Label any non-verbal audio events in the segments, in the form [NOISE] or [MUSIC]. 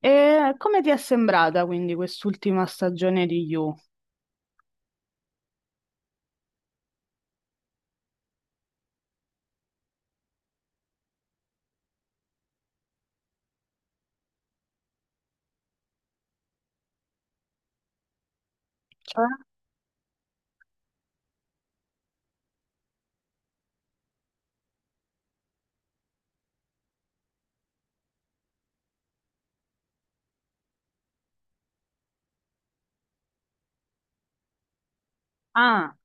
E come ti è sembrata quindi quest'ultima stagione di You? Ah,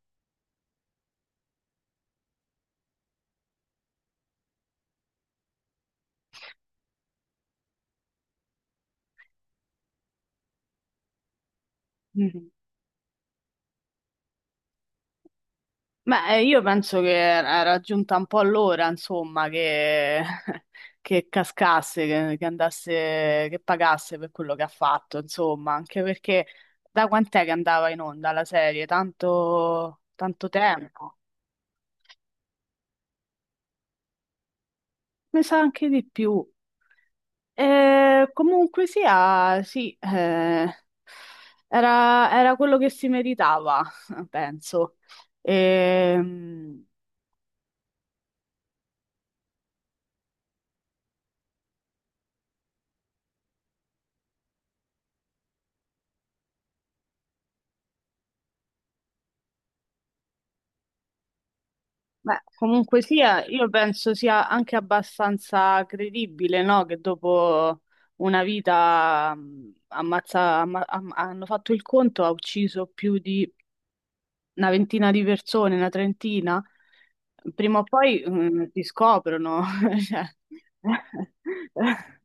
mhm. Beh, io penso che era giunta un po' l'ora, insomma, che, [LAUGHS] che cascasse, che andasse, che pagasse per quello che ha fatto, insomma, anche perché da quant'è che andava in onda la serie? Tanto, tanto tempo, mi sa anche di più. E comunque sia, sì, era, era quello che si meritava, [LAUGHS] penso. Ehm, beh, comunque sia, io penso sia anche abbastanza credibile, no? Che dopo una vita hanno fatto il conto, ha ucciso più di una ventina di persone, una trentina. Prima o poi ti scoprono. [LAUGHS] Cioè. [LAUGHS]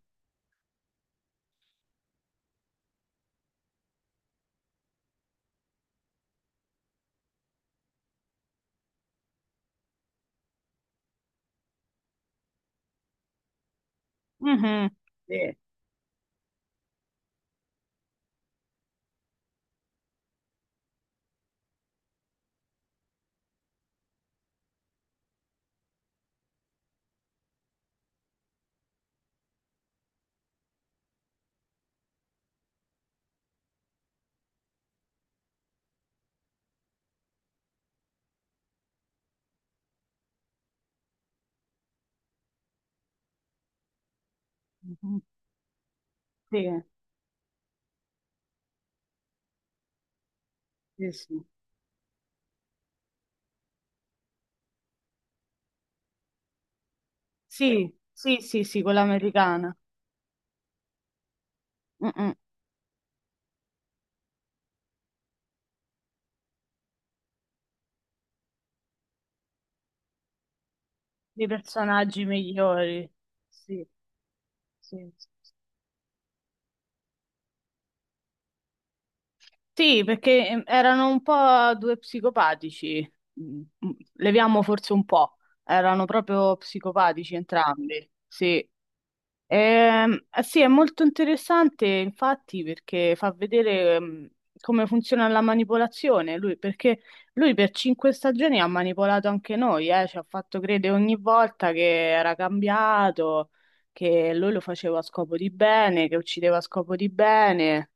Mhm. Sì. Mhm. Sì, sì, sì. Sì, sì, sì, sì, quella americana. Mm, mm. I personaggi migliori. Sì, sì. Sì, perché erano un po' due psicopatici. Mm, mm, leviamo forse un po'. Erano proprio psicopatici entrambi. Sì, eh sì, è molto interessante infatti perché fa vedere, come funziona la manipolazione lui, perché lui per cinque stagioni ha manipolato anche noi, ci ha fatto credere ogni volta che era cambiato, che lui lo faceva a scopo di bene, che uccideva a scopo di bene,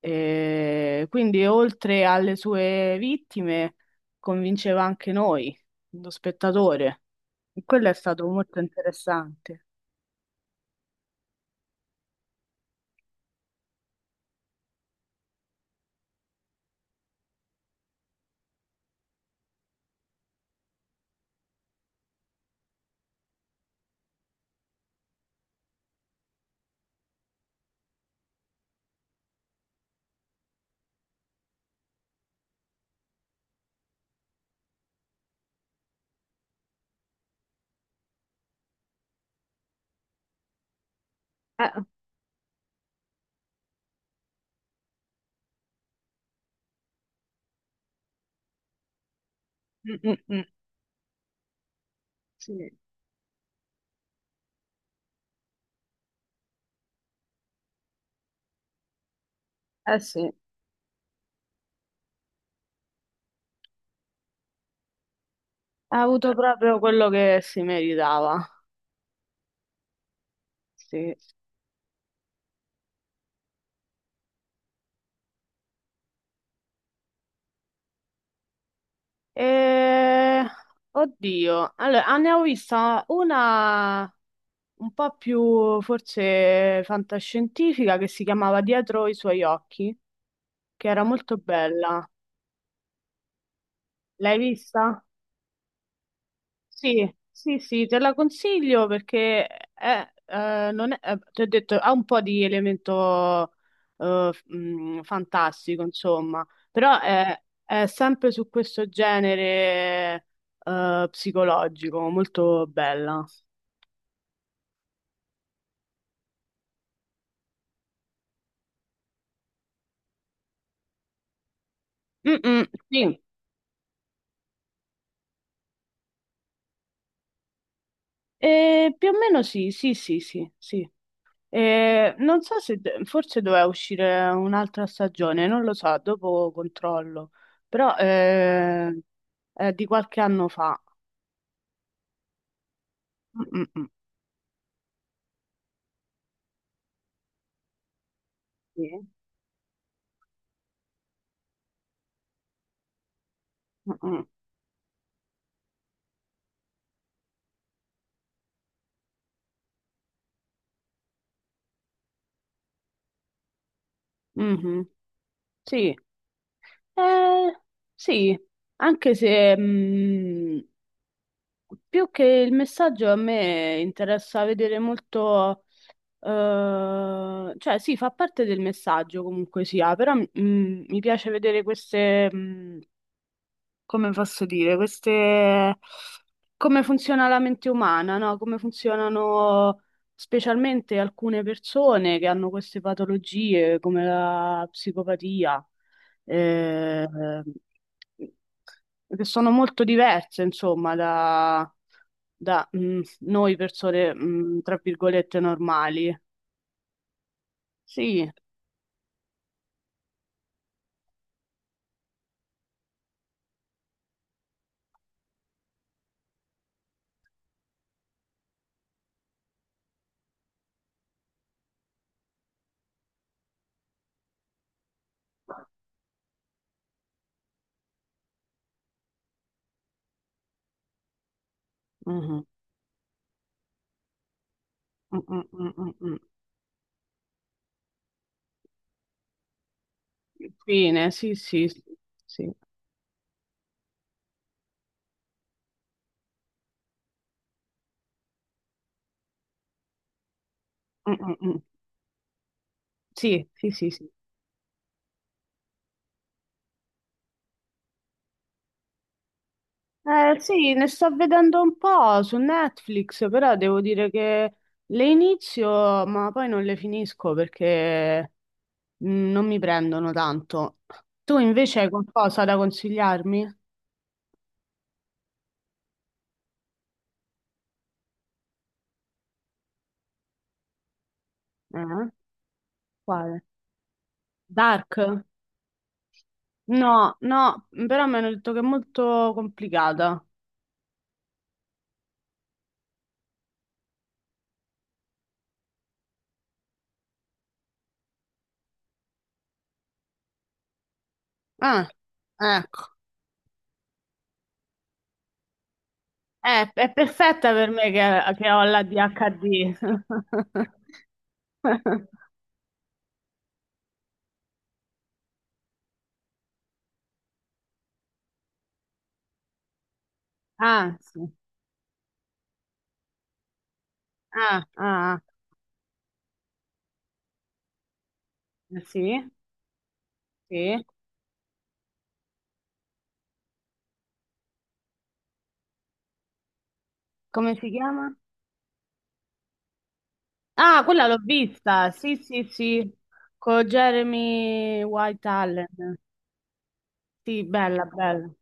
e quindi oltre alle sue vittime convinceva anche noi, lo spettatore. E quello è stato molto interessante. Eh, mm, mm, mm. Sì. Eh sì, ha avuto proprio quello che si meritava. Sì. E... oddio, allora, ah, ne ho vista una un po' più forse fantascientifica che si chiamava Dietro i suoi occhi, che era molto bella. L'hai vista? Sì, sì, sì, te la consiglio perché è, non è, ti ho detto, ha un po' di elemento, fantastico, insomma, però è sempre su questo genere psicologico, molto bella. Mm, mm, sì. Più o meno sì, sì, sì, sì, sì. E non so se forse doveva uscire un'altra stagione, non lo so, dopo controllo, però è di qualche anno fa. Mm, mm, mm. Sì. Mm, mm. Mhm. Sì, eh, sì, anche se più che il messaggio a me interessa vedere molto, cioè sì, fa parte del messaggio comunque sia, però mi piace vedere queste... come posso dire, queste, come funziona la mente umana, no? Come funzionano specialmente alcune persone che hanno queste patologie come la psicopatia, eh, che sono molto diverse, insomma, da noi persone, mm, tra virgolette, normali. Sì. Mhm. Mm, mm, mm, mm, mm. Infine, sì, sì, sì. Mm, mm, mm. Sì, sì, sì, sì. Sì, ne sto vedendo un po' su Netflix, però devo dire che le inizio, ma poi non le finisco perché non mi prendono tanto. Tu invece hai qualcosa da consigliarmi? Eh? Quale? Dark? No, no, però mi hanno detto che è molto complicata. Ah, ecco. È perfetta per me che ho la DHD. [LAUGHS] Ah, sì. Ah, ah, ah. Sì. Sì. Come si chiama? Ah, quella l'ho vista. Sì, sì, sì. Con Jeremy White Allen. Sì, bella, bella.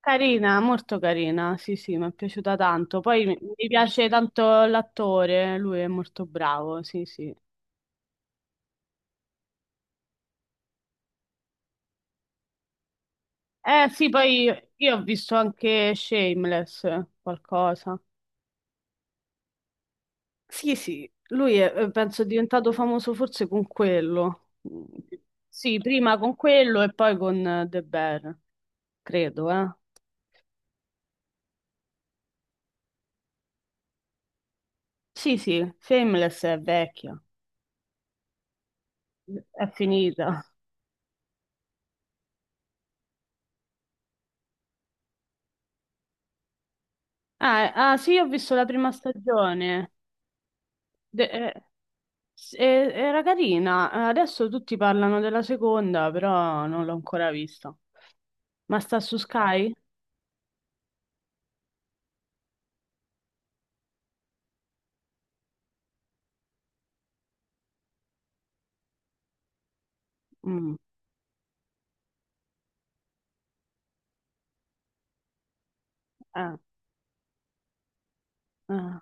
Carina, molto carina. Sì, sì, mi è piaciuta tanto. Poi mi piace tanto l'attore, lui è molto bravo. Sì, sì. Sì, poi io ho visto anche Shameless, qualcosa. Sì, sì, lui è, penso, è diventato famoso forse con quello. Sì, prima con quello e poi con The Bear. Credo, eh. Sì, sì, Shameless è vecchia, è finita. Ah, ah, sì, ho visto la prima stagione. De- eh, era carina. Adesso tutti parlano della seconda, però non l'ho ancora vista. Ma sta su Sky? Mm, eh, eh,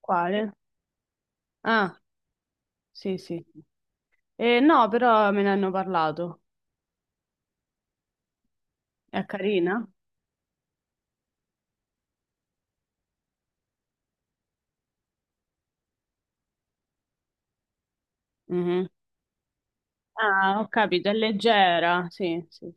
quale? Ah, sì, sì. No, però me ne hanno parlato. È carina? Mhm. Ah, ho capito, è leggera, sì, sì,